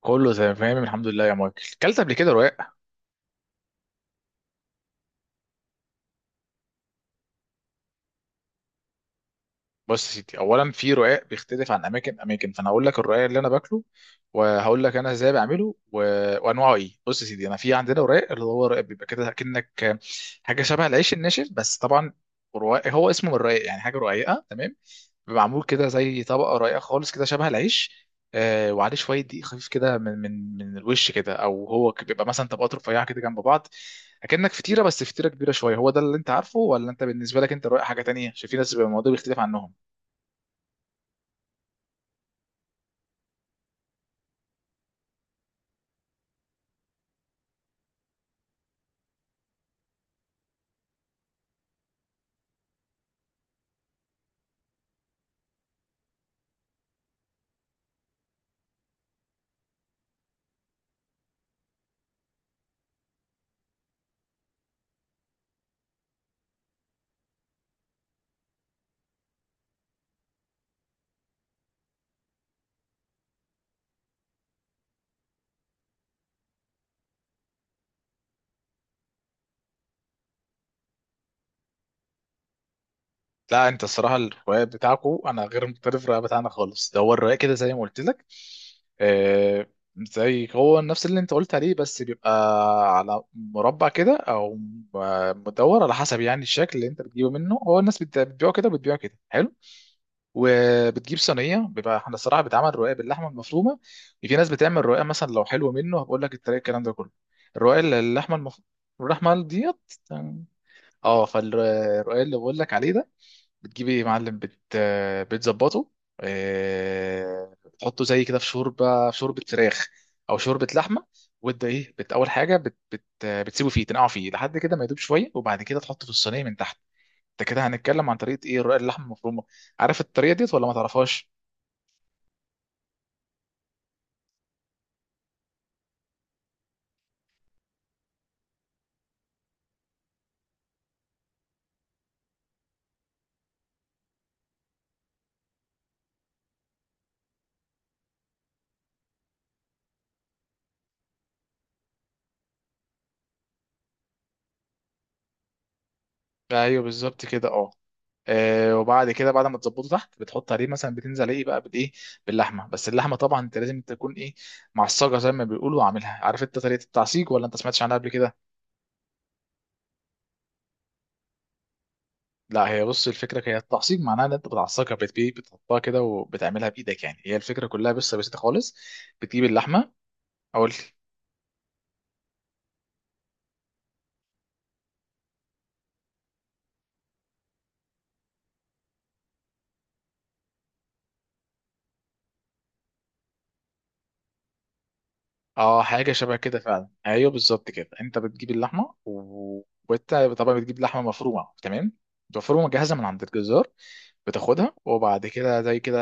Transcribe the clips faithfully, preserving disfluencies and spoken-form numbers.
كله تمام الحمد لله يا مايكل كلت قبل كده رقاق. بص يا سيدي، اولا في رقاق بيختلف عن اماكن اماكن، فانا هقول لك الرقاق اللي انا باكله وهقول لك انا ازاي بعمله و... وانواعه ايه. بص يا سيدي، انا في عندنا رقاق اللي هو رقاق بيبقى كده كأنك حاجه شبه العيش الناشف، بس طبعا رقاق هو اسمه من الرقاق، يعني حاجه رقيقه، تمام. بيبقى معمول كده زي طبقه رقيقه خالص كده شبه العيش، آه، وعليه شويه دقيق خفيف كده من من من الوش كده، او هو ك- بيبقى مثلا طبقات رفيعه كده جنب بعض، اكنك فطيره، بس فطيره كبيره شويه. هو ده اللي انت عارفه، ولا انت بالنسبه لك انت رايح حاجه تانية، عشان في ناس بيبقى الموضوع بيختلف عنهم؟ لا انت الصراحه الروايه بتاعكو انا غير مختلف، الروايه بتاعنا خالص ده هو الروايه كده زي ما قلت لك. آه، زي هو نفس اللي انت قلت عليه، بس بيبقى على مربع كده او م- مدور، على حسب يعني الشكل اللي انت بتجيبه منه. هو الناس بت- بتبيعه كده، بتبيعه كده حلو، وبتجيب صينيه. بيبقى احنا الصراحه بتعمل روايه باللحمه المفرومه. في ناس بتعمل روايه مثلا لو حلوه منه هبقول لك الطريقه الكلام ده كله. الروايه اللي اللحمه المفرومه، اللحمه ديت، اه، فالروايه اللي بقول لك عليه ده، بتجيبي يا معلم بت... آه، بتظبطه، آه، بتحطه زي كده في شوربه، في شوربه فراخ او شوربه لحمه. وده ايه، بت... اول حاجه بت... بت... آه، بتسيبه فيه، تنقعه فيه لحد كده ما يدوب شويه، وبعد كده تحطه في الصينيه من تحت. انت كده هنتكلم عن طريقه ايه؟ رقاق اللحمه المفرومه. عارف الطريقه ديت ولا ما تعرفهاش؟ ايوه بالظبط كده، اه. آه، وبعد كده، بعد ما تظبطه تحت، بتحط عليه مثلا، بتنزل ايه بقى بالايه، باللحمه. بس اللحمه طبعا انت لازم تكون ايه، معصجه زي ما بيقولوا عاملها. عارف انت طريقه التعصيج ولا انت سمعتش عنها قبل كده؟ لا، هي بص الفكره، هي التعصيب معناها ان انت بتعصقها، بتبي بتحطها كده وبتعملها بايدك، يعني هي الفكره كلها، بس بسيطه خالص. بتجيب اللحمه. اقول، اه حاجه شبه كده فعلا، ايوه بالظبط كده. انت بتجيب اللحمه و- وانت طبعا بتجيب لحمه مفرومه، تمام، مفرومه جاهزه من عند الجزار. بتاخدها، وبعد كده زي كده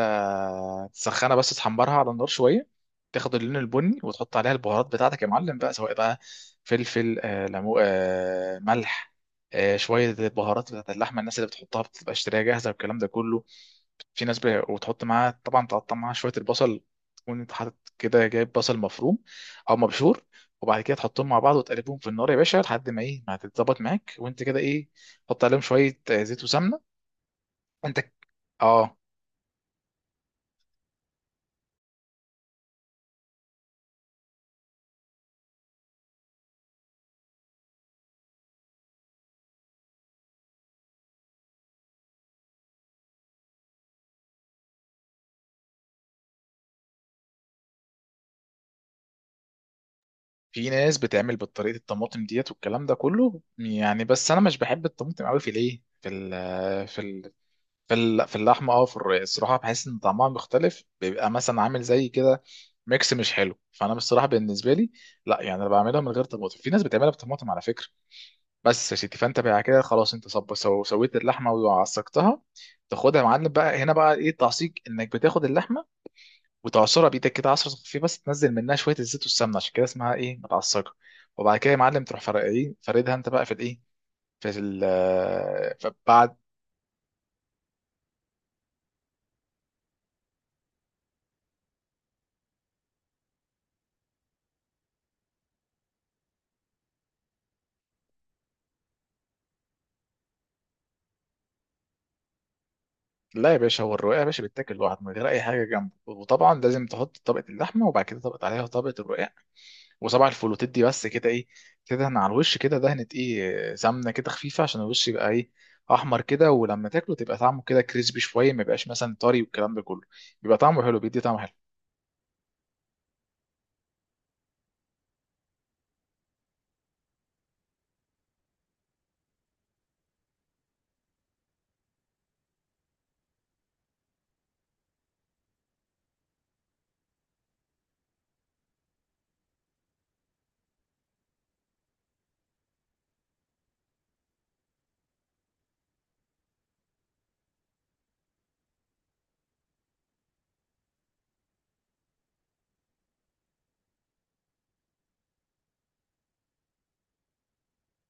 تسخنها، بس تحمرها على النار شويه، تاخد اللون البني، وتحط عليها البهارات بتاعتك يا معلم بقى، سواء بقى فلفل، آه، ليمو، آه، ملح، آه، شويه البهارات بتاعت اللحمه. الناس اللي بتحطها بتبقى اشتريها جاهزه، والكلام ده كله. في ناس ب... وتحط معاها طبعا، تقطع معاها شويه البصل. تكون انت حاطط كده، جايب بصل مفروم او مبشور. وبعد كده تحطهم مع بعض وتقلبهم في النار يا باشا لحد ما ايه، ما هتتظبط معاك، وانت كده ايه، حط عليهم شويه، آه، زيت وسمنه. انت، اه. في ناس بتعمل بطريقه الطماطم ديت والكلام ده كله يعني، بس انا مش بحب الطماطم قوي في الايه، في ال... في في ال- في اللحمه، اه، في الر- الصراحه بحس ان طعمها مختلف، بيبقى مثلا عامل زي كده ميكس مش حلو، فانا بصراحه بالنسبه لي لا، يعني انا بعملها من غير طماطم. في ناس بتعملها بطماطم على فكره. بس يا سيدي، فانت بقى كده خلاص، انت صب سو سويت اللحمه وعصقتها. تاخدها يا معلم بقى، هنا بقى ايه التعصيق، انك بتاخد اللحمه وتعصرها بايدك كده عصره خفيف، بس تنزل منها شويه الزيت والسمنه، عشان كده اسمها ايه، متعصقه. وبعد كده يا معلم تروح فرق ايه، فردها انت بقى في الايه، في ال. لا يا باشا، هو الرقاق يا باشا بيتاكل لوحده من غير اي حاجه جنبه، وطبعا لازم تحط طبقه اللحمه، وبعد كده طبقه عليها طبقه الرقاق وصباع الفول، وتدي بس كده ايه، تدهن على الوش كده دهنه ايه، سمنه كده خفيفه، عشان الوش يبقى ايه، احمر كده، ولما تاكله تبقى طعمه كده كريسبي شويه، ما يبقاش مثلا طري والكلام ده كله، بيبقى طعمه حلو، بيدي طعم حلو.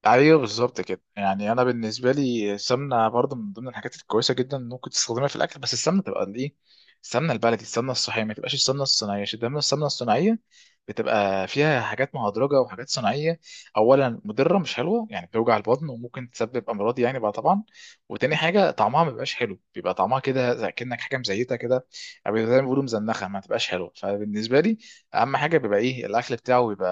ايوه بالظبط كده. يعني انا بالنسبه لي السمنه برضه من ضمن الحاجات الكويسه جدا اللي ممكن تستخدمها في الاكل، بس السمنه تبقى الايه، السمنه البلدي، السمنه الصحيه، ما تبقاش السمنه الصناعيه، عشان دايما السمنه الصناعيه بتبقى فيها حاجات مهدرجه وحاجات صناعيه. اولا مضره، مش حلوه يعني، بتوجع البطن وممكن تسبب امراض يعني بقى طبعا. وتاني حاجه طعمها ما بيبقاش حلو، بيبقى طعمها كده زي كأنك حاجه مزيته كده، او زي ما بيقولوا مزنخه، ما تبقاش حلوه. فبالنسبه لي اهم حاجه بيبقى ايه، الاكل بتاعه بيبقى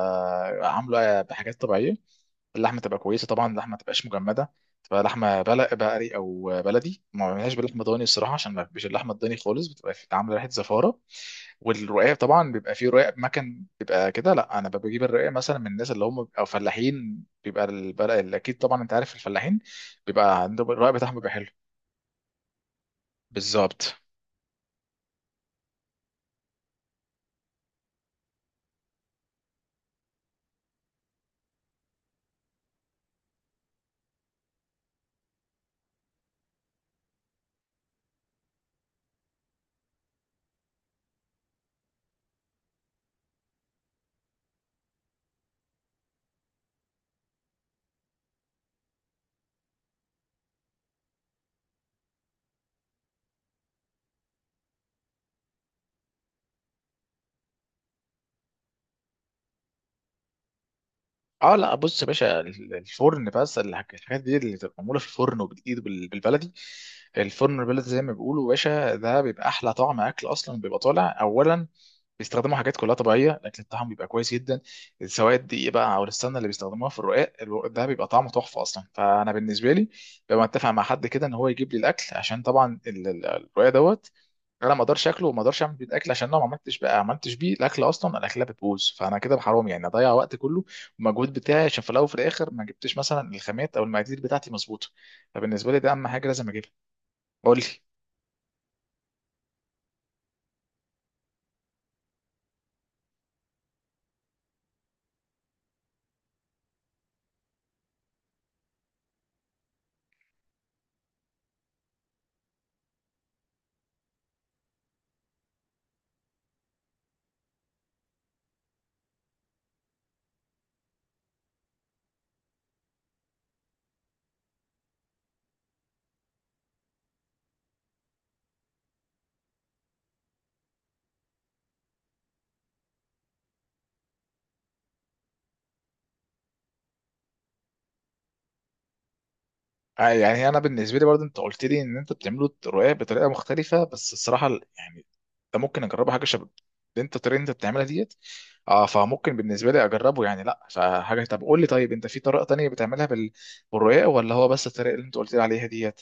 عامله بحاجات طبيعيه. اللحمه تبقى كويسه طبعا، اللحمه ما تبقاش مجمده، تبقى لحمه بلق بقري او بلدي، ما بعملهاش بلحمه ضاني الصراحه، عشان ما بحبش اللحمه الضاني خالص، بتبقى في- عامله ريحه زفاره. والرقاق طبعا بيبقى فيه رقاق مكن بيبقى كده، لا انا بجيب الرقاق مثلا من الناس اللي هم او فلاحين، بيبقى البلق اكيد، طبعا انت عارف الفلاحين بيبقى عندهم الرقاق بتاعهم بيبقى حلو. بالظبط، اه. لا بص يا باشا، ال- الفرن، بس الحاج- الحاجات دي اللي بتبقى معموله في الفرن وبالايد وبال- بالبلدي، الفرن البلدي زي ما بيقولوا يا باشا، ده بيبقى احلى طعم اكل اصلا، بيبقى طالع اولا بيستخدموا حاجات كلها طبيعيه، الاكل بتاعهم بيبقى كويس جدا، سواء الدقيق بقى او السمنه اللي بيستخدموها في الرقاق، الو- ده بيبقى طعمه تحفه اصلا. فانا بالنسبه لي ببقى متفق مع حد كده ان هو يجيب لي الاكل، عشان طبعا ال- ال- الرقاق دوت انا ما اقدرش اكله وما اقدرش اعمل بيه الاكل، عشان لو ما عملتش بقى، عملتش بيه الاكل اصلا الاكله بتبوظ، فانا كده حرام يعني اضيع وقت كله والمجهود بتاعي، عشان في الاول وفي الاخر ما جبتش مثلا الخامات او المقادير بتاعتي مظبوطه. فبالنسبه لي ده اهم حاجه لازم اجيبها. قول لي. آه، يعني انا بالنسبه لي برضه انت قلت لي ان انت بتعملوا الرقاق بطريقه مختلفه، بس الصراحه ال- يعني ده ممكن اجربه، حاجه شبه اللي انت الطريقه اللي انت بتعملها ديت، اه، فممكن بالنسبه لي اجربه يعني، لا فحاجه. طب قول لي، طيب انت في طريقه تانية بتعملها بال- بالرقاق، ولا هو بس الطريقه اللي انت قلت لي عليها ديت؟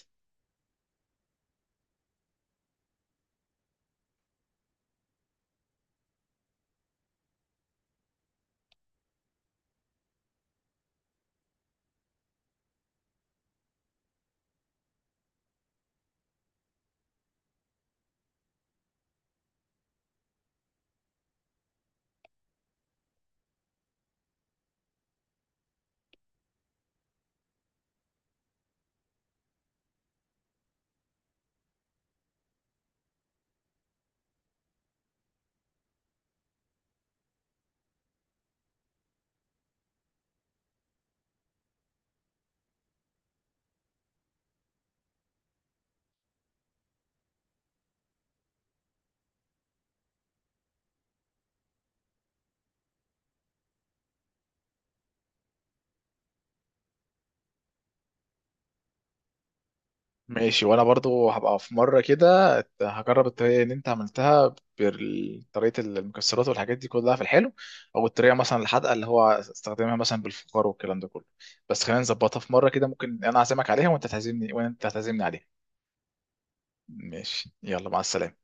ماشي، وانا برضو هبقى في مره كده هجرب الطريقه اللي انت عملتها بطريقه المكسرات والحاجات دي كلها في الحلو، او الطريقه مثلا الحادقه اللي هو استخدمها مثلا بالفخار والكلام ده كله. بس خلينا نظبطها في مره كده، ممكن انا اعزمك عليها وانت تعزمني، وانت تعزمني عليها. ماشي، يلا مع السلامه.